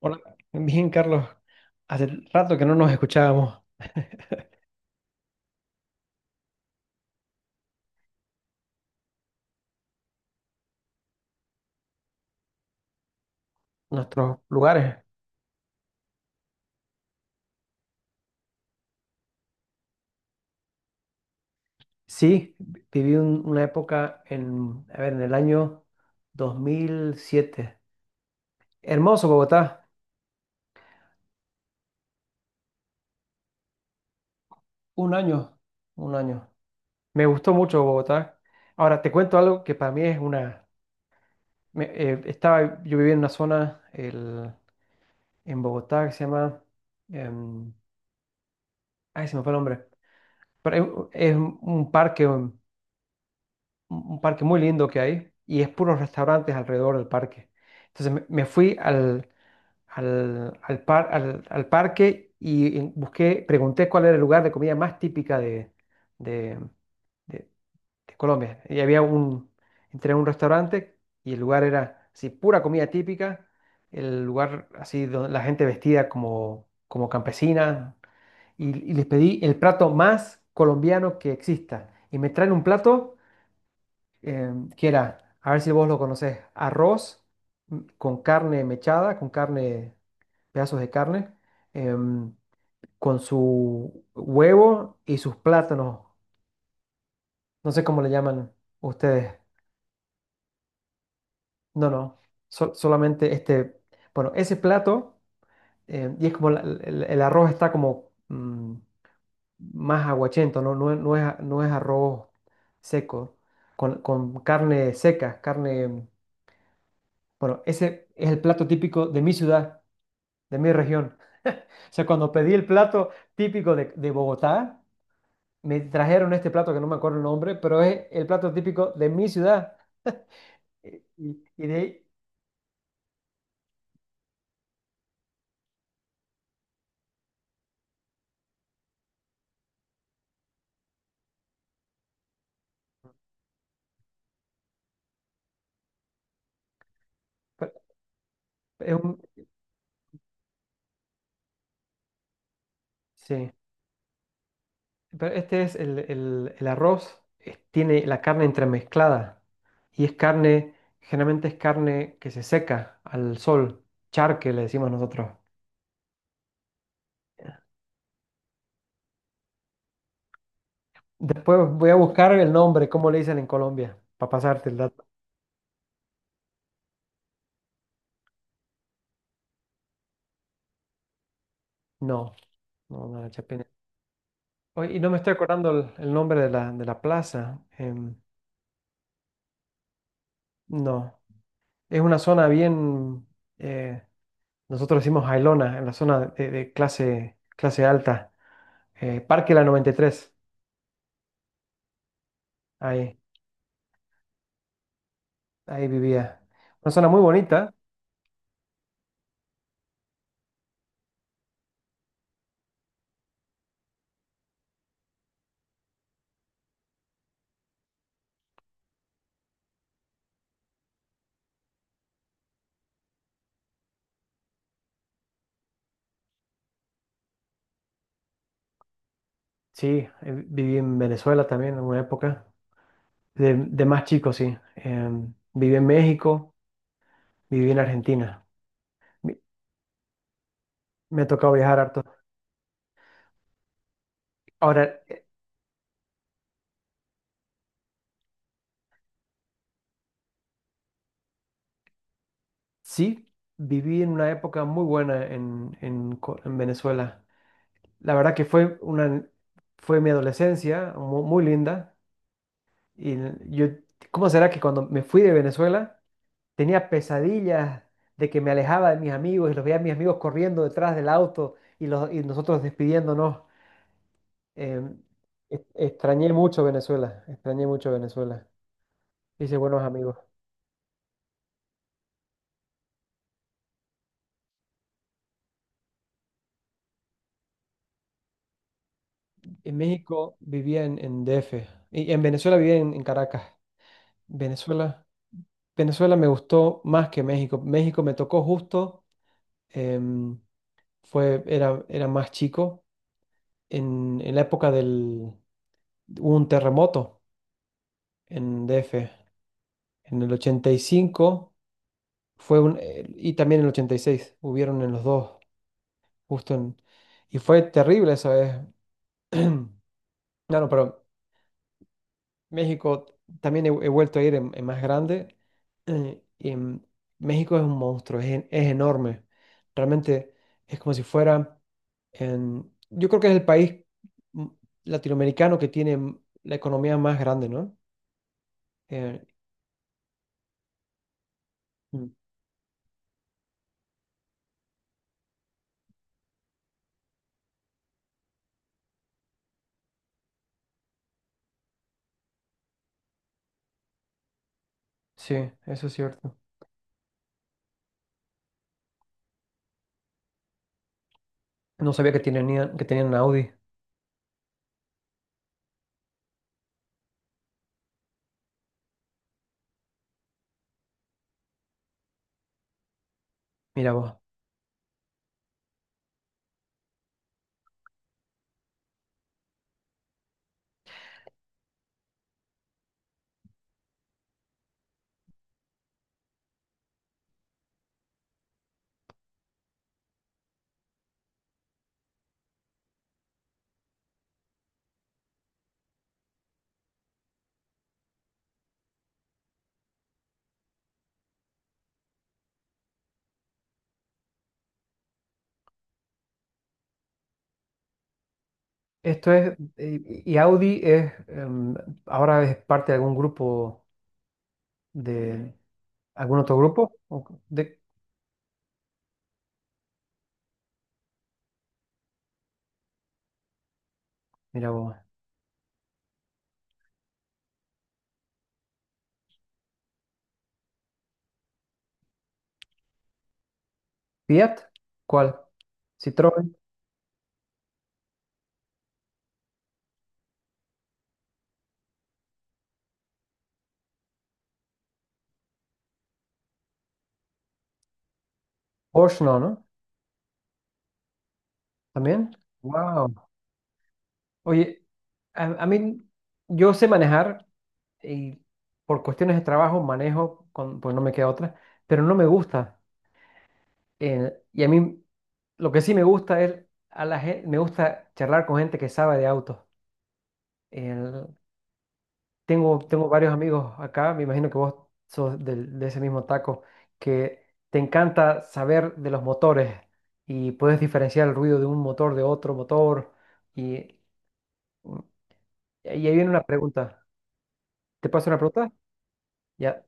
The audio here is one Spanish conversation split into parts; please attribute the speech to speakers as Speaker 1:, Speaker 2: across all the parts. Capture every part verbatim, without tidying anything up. Speaker 1: Hola, bien, Carlos. Hace rato que no nos escuchábamos nuestros lugares. Sí, vi- viví un- una época en, a ver, en el año dos mil siete. Hermoso Bogotá, un año, un año. Me gustó mucho Bogotá. Ahora, te cuento algo que para mí es una... me- eh, estaba, yo vivía en una zona el- en Bogotá que se llama... em, ay, se me fue el nombre. Pero es, es, un parque un un parque muy lindo que hay y es puros restaurantes alrededor del parque. Entonces me, me fui al, al, al, par- al- al parque y en- busqué, pregunté cuál era el lugar de comida más típica de, de, de- de Colombia. Y había un, entré a un restaurante y el lugar era así, pura comida típica, el lugar así donde la gente vestida como, como campesina y, y les pedí el plato más colombiano que exista. Y me traen un plato eh, que era, a ver si vos lo conocés, arroz mm, con carne mechada, con carne, pedazos de carne, em, con su huevo y sus plátanos. No sé cómo le llaman ustedes. No, no, sol- solamente este, bueno, ese plato, em, y es como la- el, el arroz está como mm, más aguachento, ¿no? no es, no es no es arroz seco, con, con carne seca, carne. Bueno, ese es el plato típico de mi ciudad, de mi región. O sea, cuando pedí el plato típico de, de Bogotá, me trajeron este plato que no me acuerdo el nombre, pero es el plato típico de mi ciudad. Y, y- y de ahí, pe- es un- sí, pero este es el, el- el arroz, eh, tiene la carne entremezclada y es carne, generalmente es carne que se seca al sol, charque le decimos nosotros. Después voy a buscar el nombre, cómo le dicen en Colombia, para pasarte el dato. No, no, no. Oye, y no me estoy acordando el, el nombre de la, de la plaza. Em, no, es una zona bien, eh, nosotros decimos Jailona, en la zona de, de clase, clase alta. eh, Parque La noventa y tres, ahí, ahí vivía. Una zona muy bonita, sí, eh, viví en Venezuela también en una época, de, de más chico, sí. Em, viví en México, viví en Argentina. Mi- Me, ha tocado viajar harto. Ahora, sí, viví en una época muy buena en, en Co- en Venezuela. La verdad que fue una, fue mi adolescencia mu- muy, linda. Y yo, ¿cómo será que cuando me fui de Venezuela tenía pesadillas de que me alejaba de mis amigos y los veía a mis amigos corriendo detrás del auto y, los, y nosotros despidiéndonos? Em, ex- Extrañé mucho Venezuela, extrañé mucho Venezuela. Hice buenos amigos. En México vivía en, en D F y en Venezuela vivía en, en Caracas. Venezuela, Venezuela me gustó más que México. México me tocó justo. em, fue, era, era más chico, en, en la época del, hubo un terremoto en D F, en el ochenta y cinco fue un, eh, y también en el ochenta y seis hubieron en los dos, justo en, y fue terrible eso. Es, No, no, pero México, también he, he vuelto a ir en, en más grande, eh, y en- México es un monstruo, es, en- es enorme, realmente es como si fuera... En- yo creo que es el país mm, latinoamericano que tiene m- la economía más grande, ¿no? Eh, Mm. Sí, eso es cierto. No sabía que tenían, que tenían Audi. Mira vos. Esto es, y y Audi es, em, ahora es parte de algún grupo, de algún otro grupo. ¿O De, mira vos. Fiat, ¿cuál? Citroën, Porsche, no, ¿no? ¿También? Wow. Oye, a, a mí, yo sé manejar, y por cuestiones de trabajo manejo, con, pues no me queda otra, pero no me gusta. Eh, y a mí lo que sí me gusta es, a la gente, me gusta charlar con gente que sabe de autos. El- tengo, tengo varios amigos acá, me imagino que vos sos del- de, ese mismo taco, que te encanta saber de los motores y puedes diferenciar el ruido de un motor de otro motor. Y, y ahí viene una pregunta. ¿Te paso una pregunta? Ya.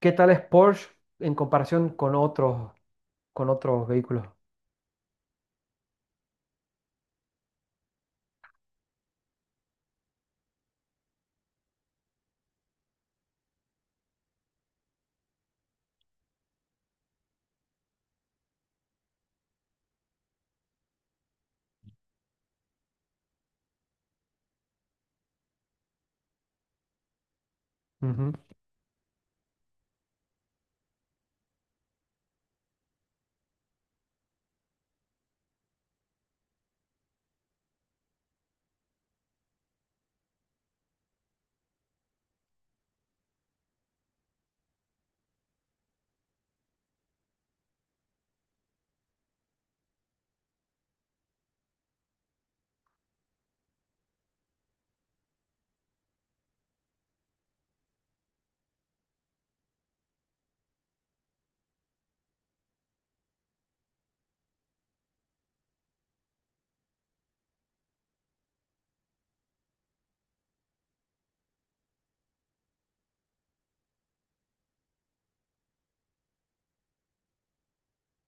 Speaker 1: ¿Qué tal es Porsche en comparación con otros, con otros vehículos? Ujú.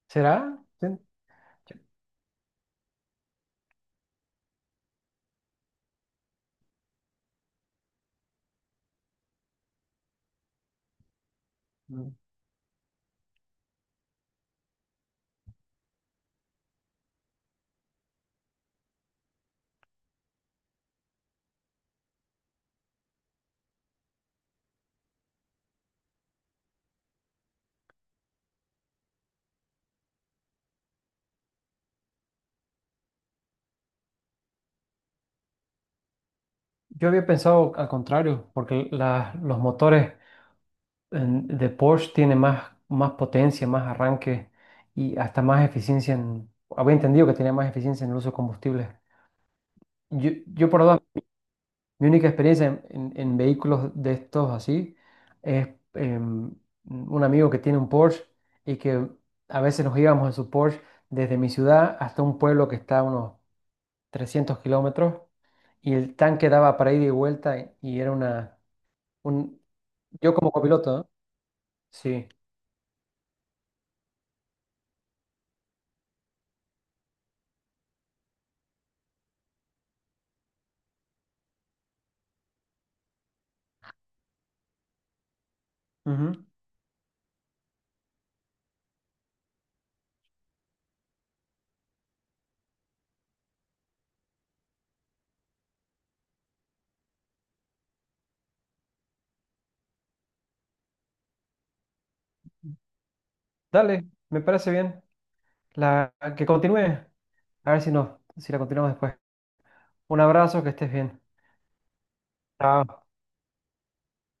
Speaker 1: ¿Será? Sí. Mm. Yo había pensado al contrario, porque la- los motores en- de Porsche tienen más, más potencia, más arranque y hasta más eficiencia en. Había entendido que tenía más eficiencia en el uso de combustibles. Yo, yo por ahora, mi única experiencia en, en- en vehículos de estos así es em, un amigo que tiene un Porsche y que a veces nos íbamos en su Porsche desde mi ciudad hasta un pueblo que está a unos trescientos kilómetros y el tanque daba para ida y vuelta, eh, y era una. Un, yo como copiloto, ¿no? Sí. Ujú. Dale, me parece bien. La, que continúe. A ver si no, si la continuamos después. Un abrazo, que estés bien. Chao.